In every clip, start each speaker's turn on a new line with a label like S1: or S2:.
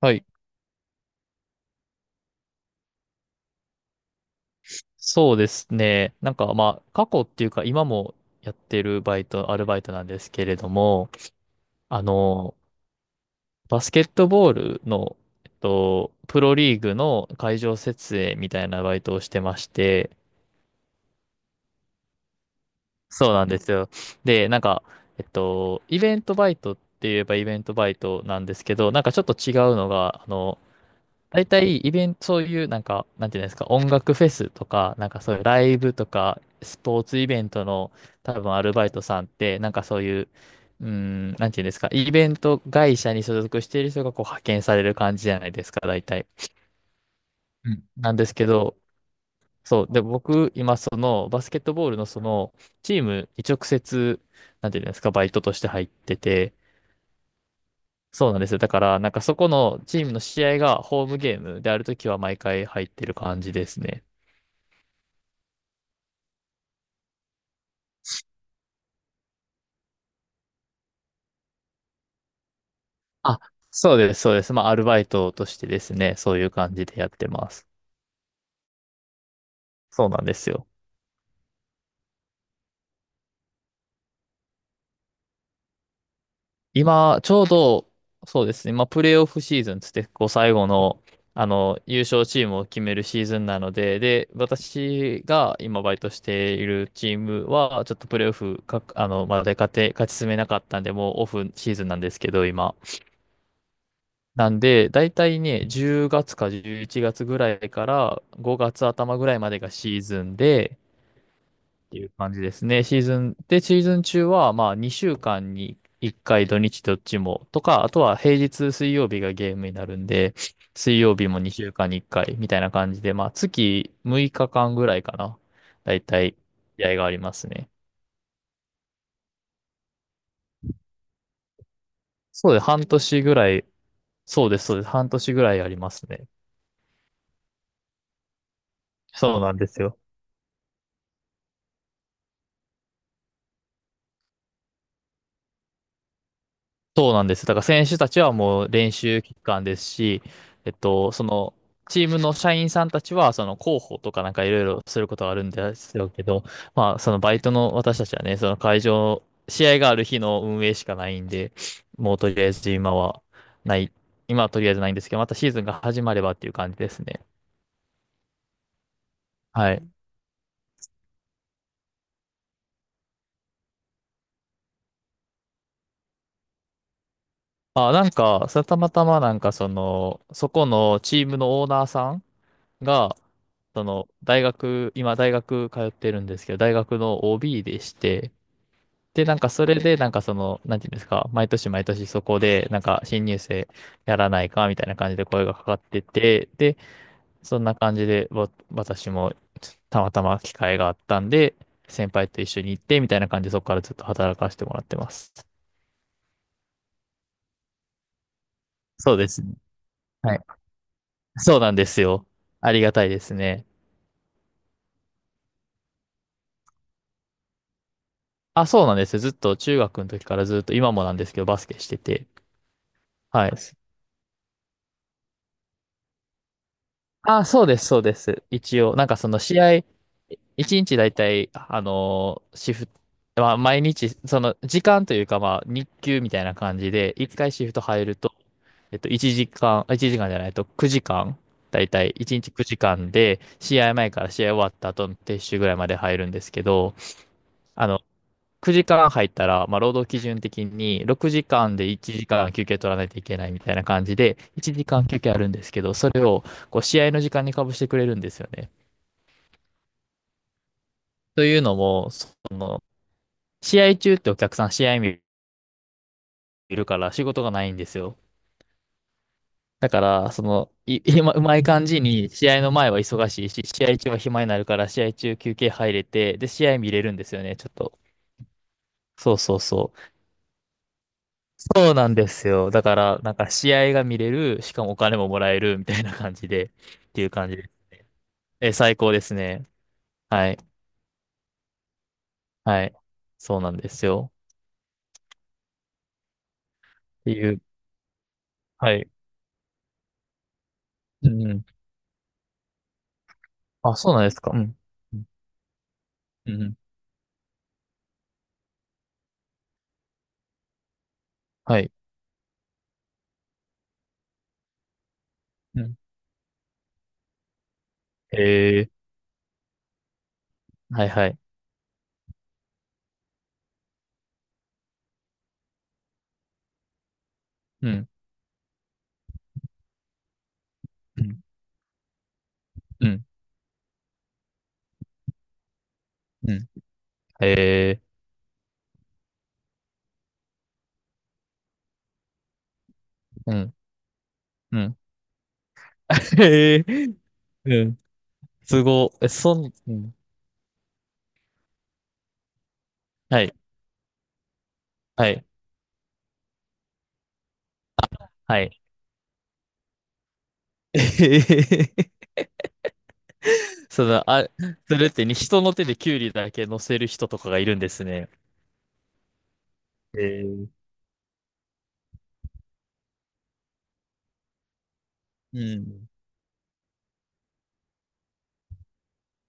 S1: はい。そうですね。過去っていうか今もやってるバイト、アルバイトなんですけれども、あの、バスケットボールの、プロリーグの会場設営みたいなバイトをしてまして、そうなんですよ。で、イベントバイトって言えばイベントバイトなんですけど、なんかちょっと違うのが、大体イベント、そういうなんていうんですか、音楽フェスとか、なんかそういうライブとか、スポーツイベントの多分アルバイトさんって、なんかそういう、なんていうんですか、イベント会社に所属している人がこう派遣される感じじゃないですか、大体。うんなんですけど、そう。で、僕今、バスケットボールの、その、チームに直接、なんていうんですか、バイトとして入ってて、そうなんですよ。だから、なんかそこのチームの試合がホームゲームであるときは毎回入ってる感じですね。あ、そうです、そうです。まあ、アルバイトとしてですね、そういう感じでやってます。そうなんですよ。今ちょうど、プレーオフシーズンつって、こう、最後の、優勝チームを決めるシーズンなので、で、私が今バイトしているチームは、ちょっとプレーオフか、あの、まで勝て、勝ち進めなかったんで、もうオフシーズンなんですけど、今。なんで、大体ね、10月か11月ぐらいから5月頭ぐらいまでがシーズンで、っていう感じですね。シーズン中は、まあ、2週間に1回土日どっちもとか、あとは平日水曜日がゲームになるんで、水曜日も2週間に1回みたいな感じで、まあ、月6日間ぐらいかな。だいたい、試合がありますね。そうです。半年ぐらい、そうです、そうです。半年ぐらいありますね。そうなんですよ。そうなんです。だから選手たちはもう練習期間ですし、えっと、その、チームの社員さんたちは、その広報とかなんかいろいろすることがあるんですよけど、まあ、そのバイトの私たちはね、その会場、試合がある日の運営しかないんで、もうとりあえず今はない、今はとりあえずないんですけど、またシーズンが始まればっていう感じですね。はい。あ、なんか、それたまたまなんかその、そこのチームのオーナーさんが、大学、今大学通ってるんですけど、大学の OB でして、で、なんかそれで、なんかその、なんていうんですか、毎年毎年そこで、なんか新入生やらないか、みたいな感じで声がかかってて、で、そんな感じで、私もたまたま機会があったんで、先輩と一緒に行って、みたいな感じで、そこからずっと働かせてもらってます。そうですね。はい。そうなんですよ。ありがたいですね。あ、そうなんですよ。ずっと中学の時からずっと、今もなんですけど、バスケしてて。はい。あ、そうです、そうです。一応、なんかその試合、一日だいたい、あのーシフト、まあ、毎日、その時間というか、まあ、日給みたいな感じで、一回シフト入ると、えっと、1時間、あ1時間じゃないと9時間、だいたい1日9時間で、試合前から試合終わった後の撤収ぐらいまで入るんですけど、あの9時間入ったら、まあ、労働基準的に6時間で1時間休憩取らないといけないみたいな感じで、1時間休憩あるんですけど、それをこう試合の時間にかぶしてくれるんですよね。というのも、その、試合中ってお客さん試合見るから仕事がないんですよ。だから、今、うまい感じに、試合の前は忙しいし、試合中は暇になるから、試合中休憩入れて、で、試合見れるんですよね、ちょっと。そうそうそう。そうなんですよ。だから、なんか試合が見れる、しかもお金ももらえるみたいな感じで、っていう感じです。え、最高ですね。はい。はい。そうなんですよ。っていう。はい。うんうん。あ、そうなんですか。うん。うん。うんうん、はい。うん。へえ。はいはい。うん。うん。うん。うん。へえ。うん。うん。へえ。うん。すご。え、そん、うん。はい。はい。はい。えへへへ、その、あ、それってに人の手でキュウリだけ乗せる人とかがいるんですね。へえー、うん。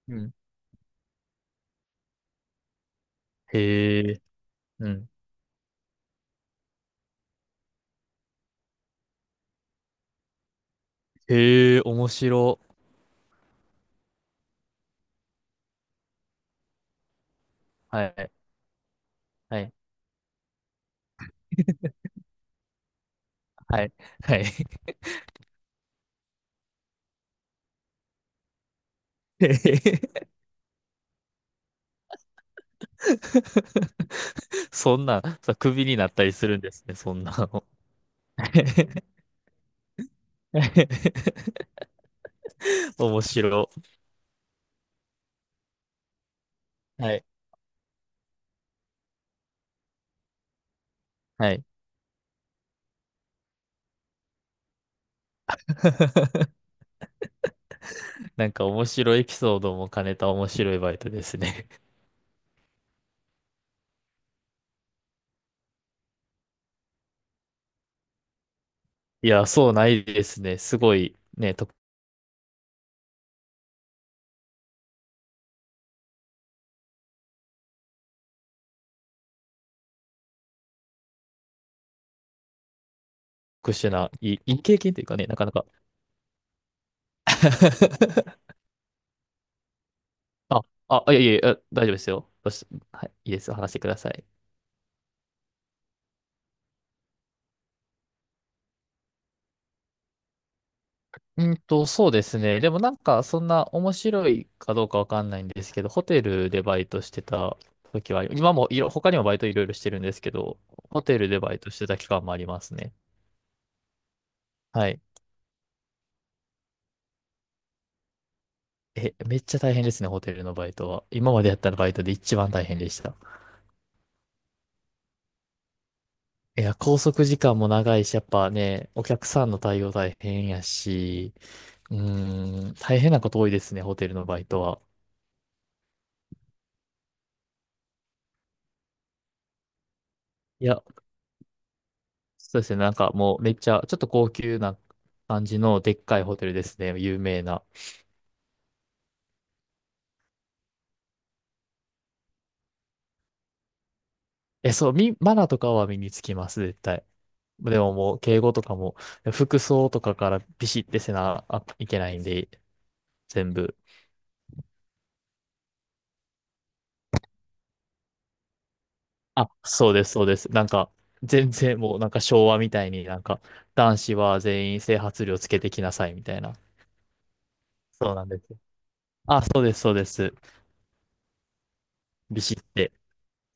S1: うん。へえ、うん。へえ、面白。はい。はい。はい。はい。へへ。 そんな、さ、クビになったりするんですね、そんなの。面白。はい。はい。なんか面白いエピソードも兼ねた面白いバイトですね。いや、そうないですね。すごい、ね、特殊な、いい経験というかね、なかなか。あ、いやいやいや、大丈夫ですよ。どうしはい、いいですよ。話してください。そうですね。でもなんか、そんな面白いかどうかわかんないんですけど、ホテルでバイトしてた時は、今もいろ、他にもバイトいろいろしてるんですけど、ホテルでバイトしてた期間もありますね。はい。え、めっちゃ大変ですね、ホテルのバイトは。今までやったバイトで一番大変でした。いや、拘束時間も長いし、やっぱね、お客さんの対応大変やし、うーん、大変なこと多いですね、ホテルのバイトは。いや、そうですね、なんかもうめっちゃ、ちょっと高級な感じのでっかいホテルですね、有名な。え、そう、み、マナーとかは身につきます、絶対。でももう、敬語とかも、服装とかからビシッてせなあいけないんで、全部。あ、そうです、そうです。なんか、全然もう、なんか昭和みたいになんか、男子は全員整髪料つけてきなさい、みたいな。そうなんですよ。あ、そうです、そうです。ビシッて。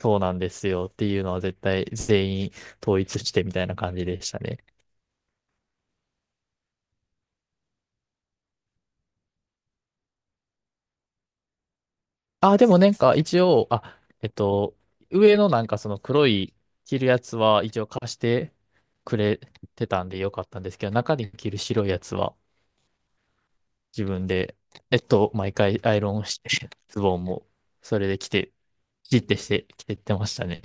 S1: そうなんですよっていうのは絶対全員統一してみたいな感じでしたね。あ、でもなんか一応、上のなんかその黒い着るやつは一応貸してくれてたんでよかったんですけど、中に着る白いやつは自分で、毎回アイロンをして、ズボンもそれで着て、じってして着てってましたね。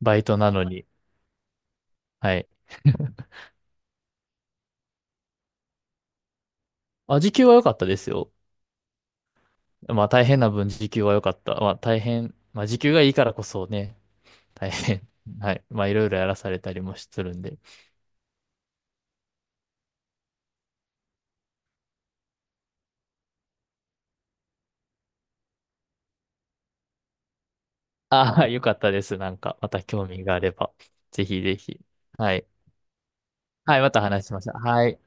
S1: バイトなのに。はい。あ、時給は良かったですよ。まあ大変な分時給は良かった。まあ大変、まあ時給がいいからこそね、大変。はい。まあ、いろいろやらされたりもするんで。ああ、よかったです。なんか、また興味があれば、ぜひぜひ。はい。はい、また話しましょう。はい。